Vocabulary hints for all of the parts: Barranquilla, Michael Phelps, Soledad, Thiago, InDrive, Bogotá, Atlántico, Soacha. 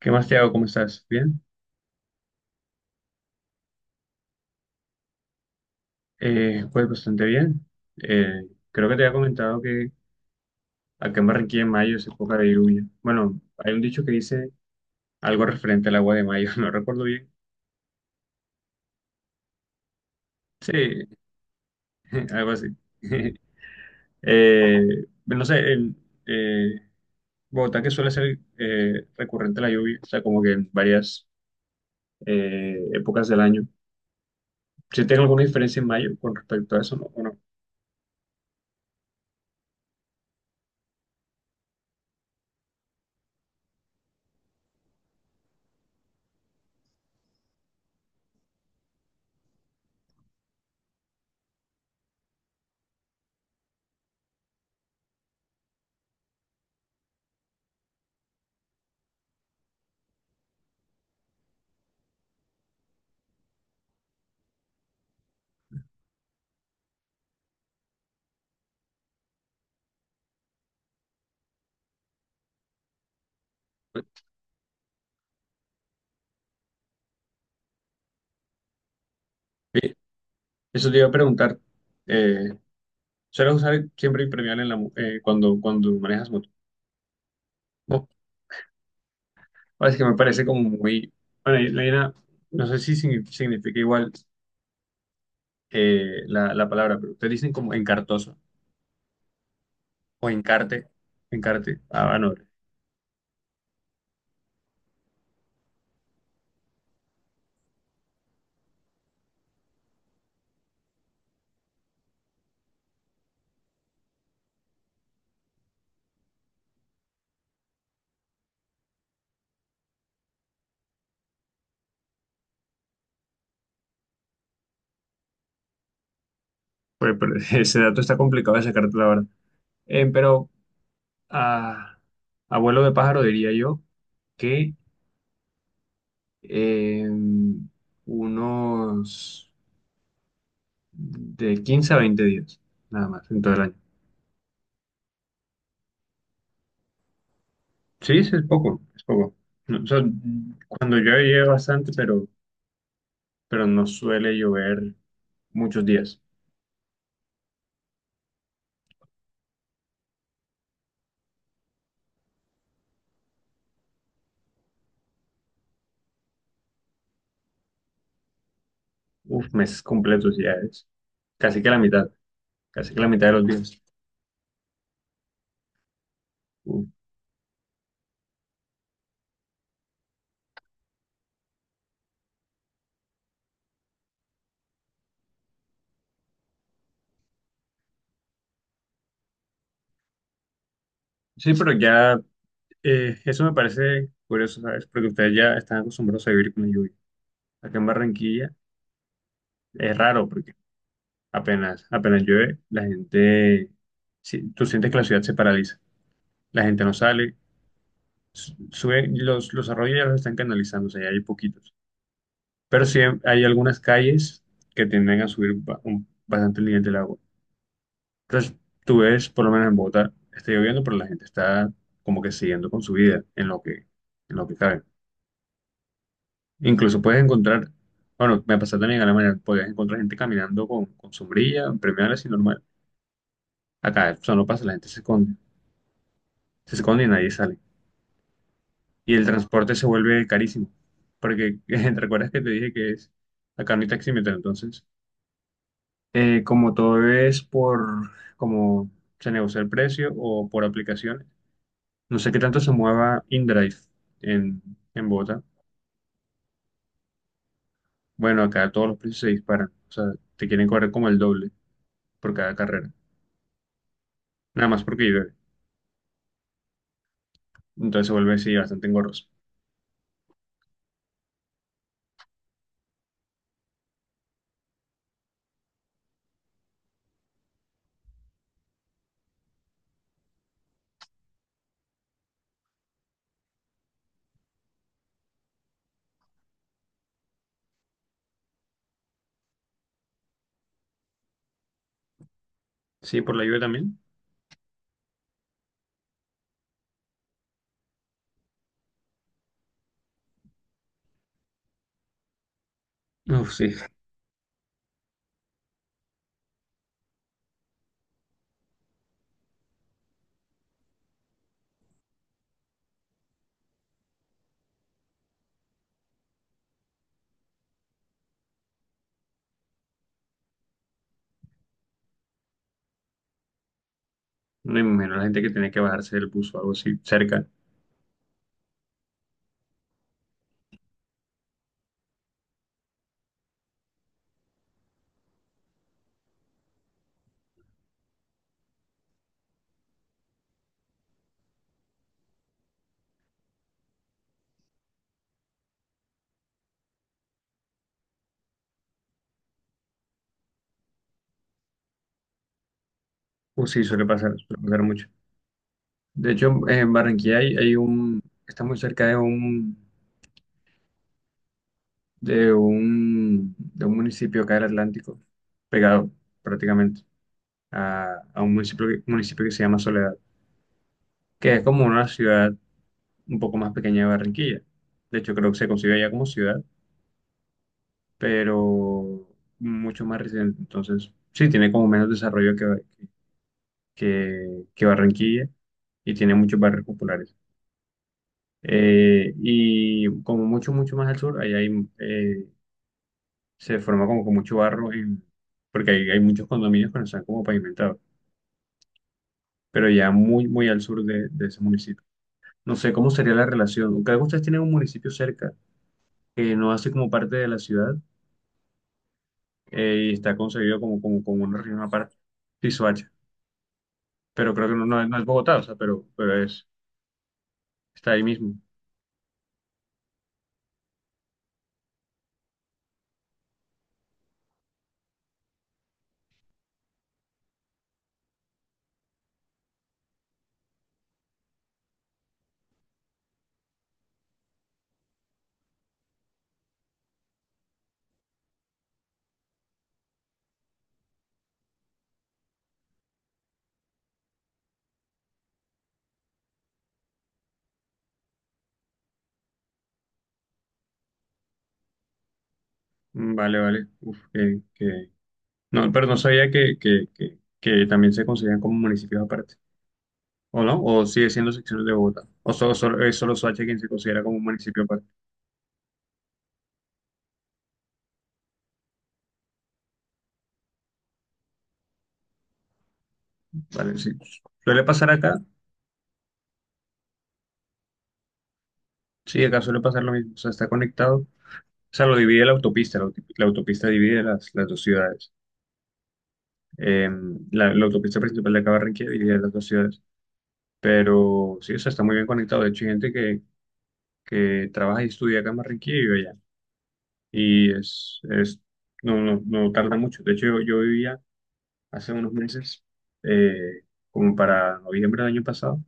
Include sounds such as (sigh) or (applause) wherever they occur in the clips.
¿Qué más, Thiago? ¿Cómo estás? ¿Bien? Pues bastante bien. Eh, creo que te había comentado que acá en Barranquilla en mayo es época de lluvia. Bueno, hay un dicho que dice algo referente al agua de mayo, (laughs) no recuerdo bien. Sí, (laughs) algo así. (laughs) Eh, no sé, en eh, Bogotá que suele ser recurrente la lluvia, o sea, como que en varias épocas del año. ¿Si tiene alguna diferencia en mayo con respecto a eso, no? ¿O no? Bien, eso te iba a preguntar. Eh, Sueles usar siempre impermeable cuando, cuando manejas moto. No, es que me parece como muy... Bueno, no sé si significa igual, la palabra, pero ustedes dicen como encartoso o encarte. Ah, bueno, pues, pero (laughs) ese dato está complicado de sacarte, la verdad. Pero a abuelo de pájaro diría yo que eh, unos de 15 a 20 días, nada más, en todo el año. Sí, sí, es poco, es poco. No, o sea, cuando llueve, llueve bastante, pero no suele llover muchos días. Uf, meses completos ya es. Casi que la mitad, casi que la mitad de los días. Uf. Sí, pero ya eso me parece curioso, ¿sabes? Porque ustedes ya están acostumbrados a vivir con la lluvia. Acá en Barranquilla es raro porque apenas, apenas llueve, la gente, sí, tú sientes que la ciudad se paraliza. La gente no sale, sube los arroyos, ya los están canalizando, o sea, ya hay poquitos, pero sí hay algunas calles que tienden a subir bastante el nivel del agua. Entonces, tú ves, por lo menos en Bogotá, está lloviendo, pero la gente está como que siguiendo con su vida en lo que cabe. Incluso puedes encontrar, bueno, me pasa también a la mañana, puedes encontrar gente caminando con sombrilla, premiales, y normal. Acá eso no pasa, la gente se esconde, se esconde, y nadie sale. Y el transporte se vuelve carísimo, porque (laughs) ¿te acuerdas que te dije que es acá no hay taxímetro? Entonces, como todo es por como se negocia el precio o por aplicaciones, no sé qué tanto se mueva InDrive en, en Bogotá. Bueno, acá todos los precios se disparan, o sea, te quieren cobrar como el doble por cada carrera, nada más porque llueve. Entonces se vuelve, sí, bastante engorroso. Sí, por la lluvia también. Uf, sí, no me imagino la gente que tiene que bajarse del bus o algo así cerca. Uf, sí, suele pasar mucho. De hecho, en Barranquilla hay un, está muy cerca de un de un, de un municipio acá del Atlántico, pegado prácticamente a un municipio, municipio que se llama Soledad, que es como una ciudad un poco más pequeña de Barranquilla. De hecho, creo que se concibe ya como ciudad, pero mucho más reciente. Entonces, sí, tiene como menos desarrollo que Barranquilla, y tiene muchos barrios populares. Y como mucho, mucho más al sur, ahí hay se forma como con mucho barro porque hay muchos condominios que no están como pavimentados, pero ya muy, muy al sur de ese municipio. No sé cómo sería la relación. Cada, ustedes tienen un municipio cerca que no hace como parte de la ciudad, y está concebido como, como, como una región aparte, sí, Soacha. Pero creo que no, no es Bogotá, o sea, pero es, está ahí mismo. Mm, vale, vale. Uf. No, pero no sabía que también se consideran como municipios aparte. ¿O no? ¿O sigue siendo secciones de Bogotá? ¿O solo, es solo Soacha quien se considera como un municipio aparte? Vale, sí. Suele pasar acá, sí, acá suele pasar lo mismo, o sea, está conectado, o sea, lo divide la autopista, la autopista divide las dos ciudades. Eh, la autopista principal de acá, Barranquilla, divide las dos ciudades, pero sí, o sea, está muy bien conectado. De hecho, hay gente que trabaja y estudia acá en Barranquilla y vive allá, y es no, no, no tarda mucho. De hecho, yo vivía hace unos meses, eh, como para noviembre del año pasado,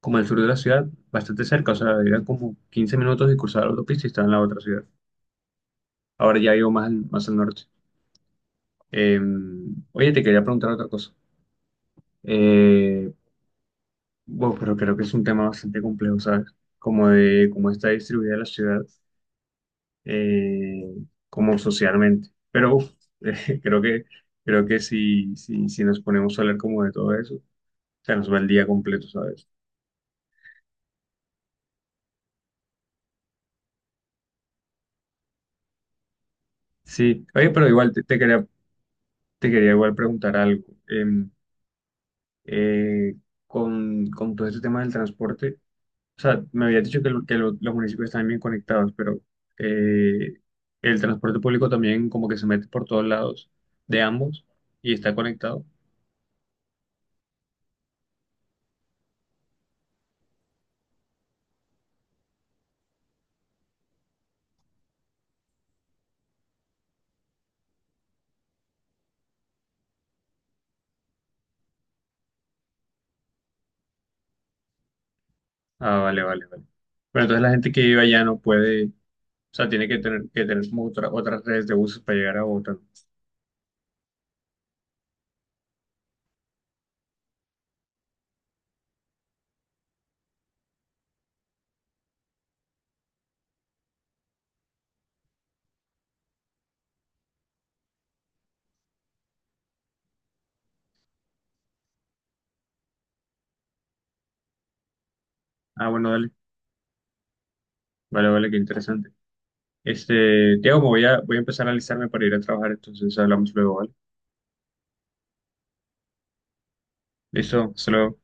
como al sur de la ciudad, bastante cerca, o sea, eran como 15 minutos de cruzar la autopista y estaba en la otra ciudad. Ahora ya vivo más al norte. Eh, oye, te quería preguntar otra cosa. Eh, bueno, pero creo que es un tema bastante complejo, ¿sabes? Como de cómo está distribuida la ciudad, eh, como socialmente. Pero uf, (laughs) eh, creo que, creo que si, si, si nos ponemos a hablar como de todo eso, se nos va el día completo, ¿sabes? Sí, oye, pero igual te, te quería igual preguntar algo. Eh, con todo este tema del transporte. O sea, me había dicho que los municipios están bien conectados, pero eh, el transporte público también como que se mete por todos lados de ambos y está conectado. Ah, vale, vale, vale. Pero entonces la gente que vive allá no puede, o sea, tiene que tener como otras redes de buses para llegar a Bogotá. Ah, bueno, dale. Vale, vale, qué interesante. Este, Tiago, me voy a empezar a alistarme para ir a trabajar, entonces hablamos luego, ¿vale? Listo, hasta luego.